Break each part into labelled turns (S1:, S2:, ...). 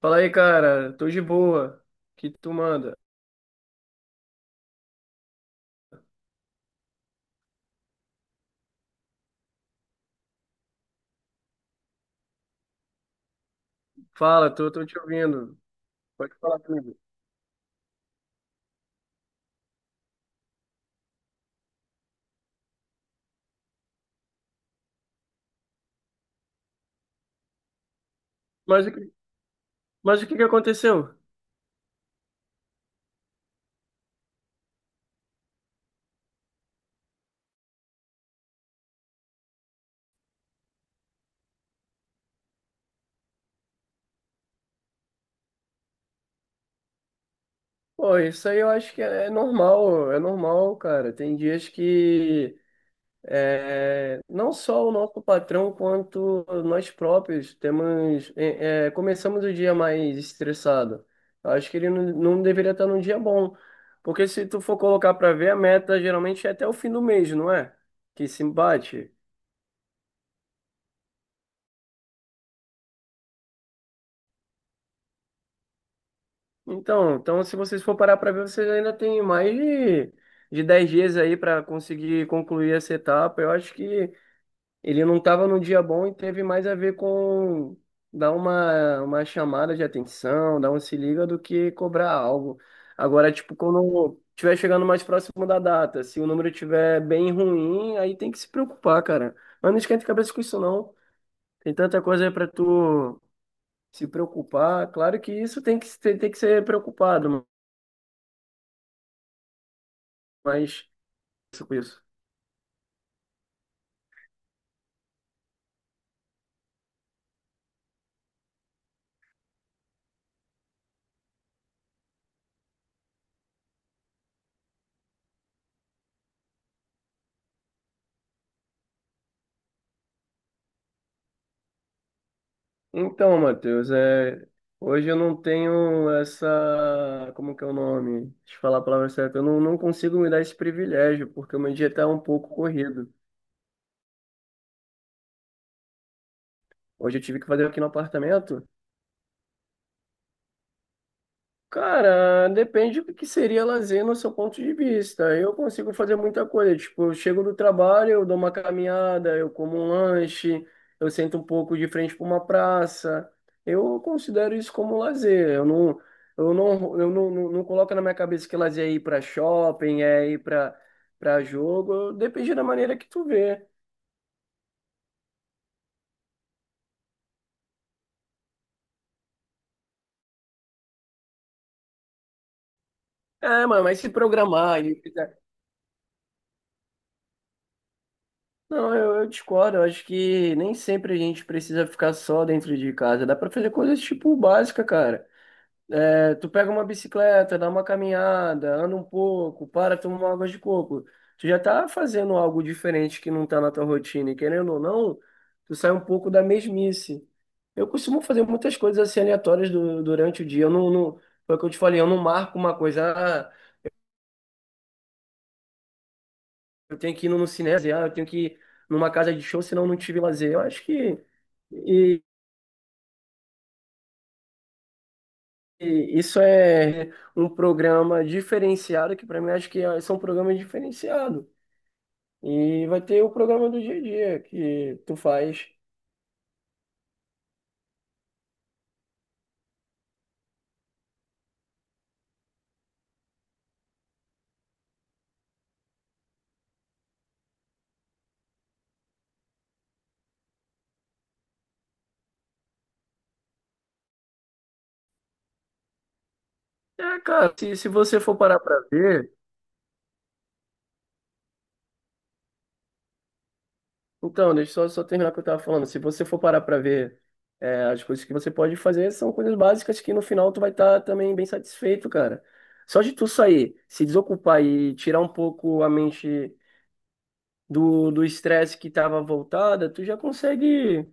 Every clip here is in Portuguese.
S1: Fala aí, cara. Tô de boa. O que tu manda? Fala, tô te ouvindo. Pode falar comigo. Mas, o que- mas o que que aconteceu? Pô, isso aí eu acho que é normal, é normal, cara. Tem dias que não só o nosso patrão, quanto nós próprios temos, começamos o dia mais estressado. Eu acho que ele não deveria estar num dia bom. Porque se tu for colocar pra ver, a meta geralmente é até o fim do mês, não é? Que se bate. Então, se vocês for parar para ver, vocês ainda têm de 10 dias aí para conseguir concluir essa etapa. Eu acho que ele não estava num dia bom e teve mais a ver com dar uma chamada de atenção, dar um se liga do que cobrar algo. Agora, tipo, quando estiver chegando mais próximo da data, se o número estiver bem ruim, aí tem que se preocupar, cara. Mas não esquenta a cabeça com isso, não. Tem tanta coisa para tu se preocupar. Claro que isso tem que ser preocupado. Mas isso com isso. Então, Matheus, hoje eu não tenho essa. Como que é o nome? Deixa eu falar a palavra certa. Eu não, Não consigo me dar esse privilégio, porque o meu dia está um pouco corrido. Hoje eu tive que fazer aqui no apartamento. Cara, depende do que seria lazer no seu ponto de vista. Eu consigo fazer muita coisa. Tipo, eu chego do trabalho, eu dou uma caminhada, eu como um lanche, eu sento um pouco de frente para uma praça. Eu considero isso como lazer. Eu não coloco na minha cabeça que lazer é ir para shopping, é ir para jogo. Depende da maneira que tu vê. É, mano, mas se programar, e não, eu discordo. Eu acho que nem sempre a gente precisa ficar só dentro de casa. Dá pra fazer coisas tipo básica, cara. É, tu pega uma bicicleta, dá uma caminhada, anda um pouco, para, toma uma água de coco. Tu já tá fazendo algo diferente que não tá na tua rotina. E querendo ou não, tu sai um pouco da mesmice. Eu costumo fazer muitas coisas assim aleatórias durante o dia. Eu não, não, Foi o que eu te falei, eu não marco uma coisa. Ah, eu tenho que ir no cinema, ah, eu tenho que ir numa casa de show, senão eu não tive lazer. Eu acho que e- e isso é um programa diferenciado, que para mim acho são programas diferenciados. E vai ter o programa do dia a dia que tu faz. É, cara, se você for parar para ver. Então, deixa eu só terminar o que eu estava falando. Se você for parar para ver, as coisas que você pode fazer são coisas básicas que no final tu vai estar também bem satisfeito, cara. Só de tu sair, se desocupar e tirar um pouco a mente do estresse que estava voltada, tu já consegue,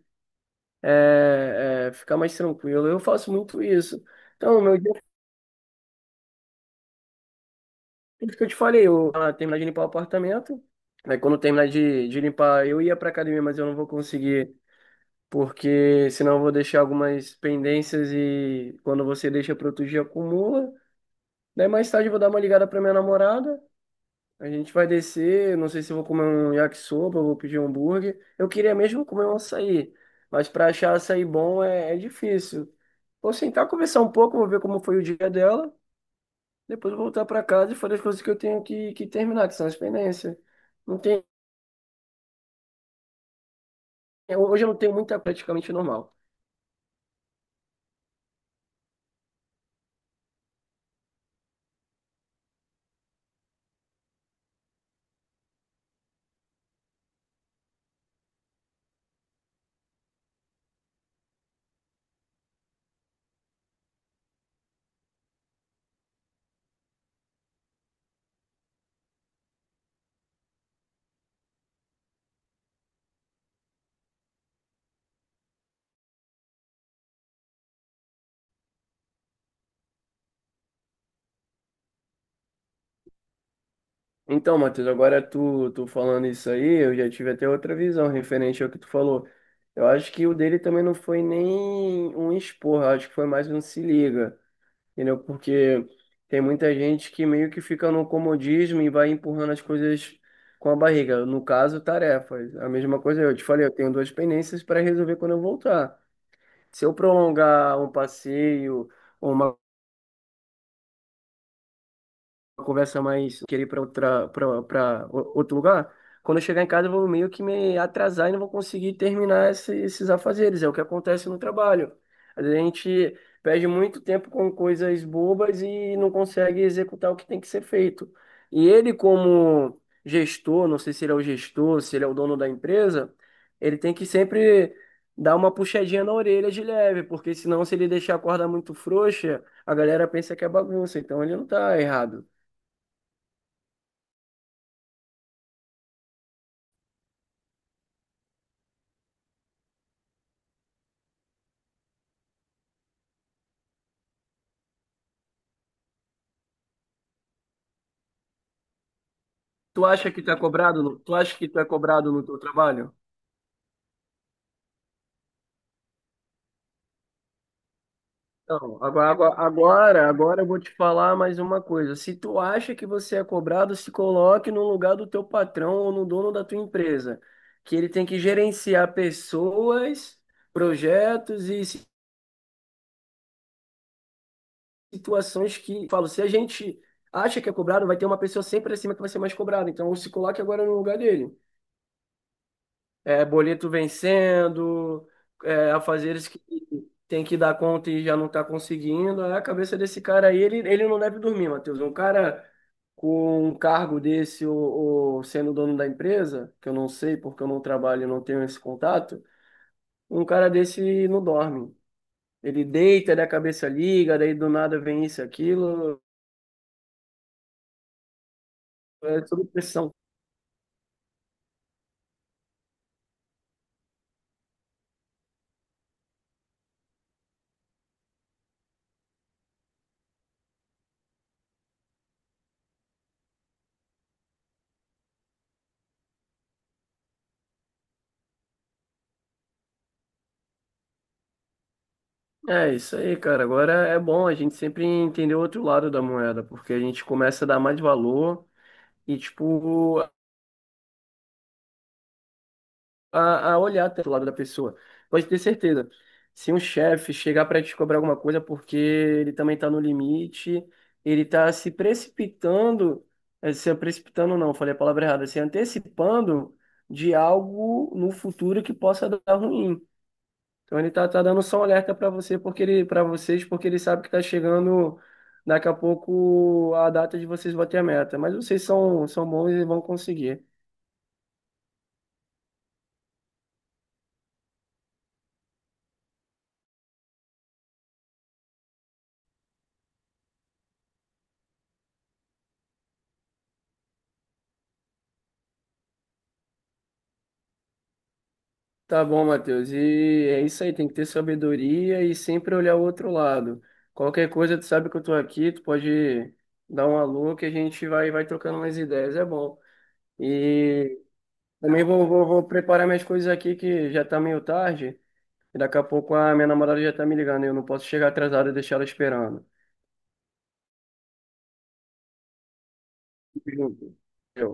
S1: ficar mais tranquilo. Eu faço muito isso. Então, meu dia, tudo que eu te falei, terminar de limpar o apartamento, né, quando eu terminar de limpar, eu ia para academia, mas eu não vou conseguir porque senão eu vou deixar algumas pendências e quando você deixa para outro dia acumula. Daí mais tarde eu vou dar uma ligada para minha namorada. A gente vai descer, não sei se eu vou comer um yakisoba, eu vou pedir um hambúrguer. Eu queria mesmo comer um açaí, mas para achar açaí bom é difícil. Vou sentar, conversar um pouco, vou ver como foi o dia dela, depois eu vou voltar para casa e fazer as coisas que eu que terminar, que são as pendências. Não tem, hoje eu não tenho muita praticamente normal. Então, Matheus, agora tu falando isso aí, eu já tive até outra visão referente ao que tu falou. Eu acho que o dele também não foi nem um expor, eu acho que foi mais um se liga, entendeu? Porque tem muita gente que meio que fica no comodismo e vai empurrando as coisas com a barriga. No caso, tarefas. A mesma coisa eu te falei, eu tenho duas pendências para resolver quando eu voltar. Se eu prolongar um passeio, ou uma conversa mais, querer ir para outra, para outro lugar, quando eu chegar em casa eu vou meio que me atrasar e não vou conseguir terminar esses afazeres. É o que acontece no trabalho. Às vezes a gente perde muito tempo com coisas bobas e não consegue executar o que tem que ser feito. E ele, como gestor, não sei se ele é o gestor, se ele é o dono da empresa, ele tem que sempre dar uma puxadinha na orelha de leve, porque senão se ele deixar a corda muito frouxa, a galera pensa que é bagunça, então ele não tá errado. Tu acha que tu é cobrado no, tu acha que tu é cobrado no teu trabalho? Então, agora agora eu vou te falar mais uma coisa. Se tu acha que você é cobrado, se coloque no lugar do teu patrão ou no dono da tua empresa, que ele tem que gerenciar pessoas, projetos e situações que, falo, se a gente acha que é cobrado, vai ter uma pessoa sempre acima que vai ser mais cobrada. Então, se coloque agora no lugar dele. É, boleto vencendo, é, afazeres que tem que dar conta e já não está conseguindo. Aí a cabeça desse cara aí, ele não deve dormir, Matheus. Um cara com um cargo desse ou sendo dono da empresa, que eu não sei porque eu não trabalho e não tenho esse contato, um cara desse não dorme. Ele deita, daí a cabeça liga, daí do nada vem isso, aquilo, é tudo pressão. É isso aí, cara. Agora é bom a gente sempre entender o outro lado da moeda, porque a gente começa a dar mais valor e tipo a olhar até o lado da pessoa. Pode ter certeza. Se um chefe chegar para te cobrar alguma coisa porque ele também está no limite, ele está se precipitando, se precipitando não, falei a palavra errada, se antecipando de algo no futuro que possa dar ruim. Então ele tá dando só um alerta para você porque ele, para vocês porque ele sabe que está chegando daqui a pouco a data de vocês bater a meta. Mas vocês são, são bons e vão conseguir. Tá bom, Matheus. E é isso aí, tem que ter sabedoria e sempre olhar o outro lado. Qualquer coisa, tu sabe que eu tô aqui, tu pode dar um alô que a gente vai trocando umas ideias, é bom. E também vou preparar minhas coisas aqui que já tá meio tarde. E daqui a pouco a minha namorada já tá me ligando, e eu não posso chegar atrasado e deixar ela esperando. Eu.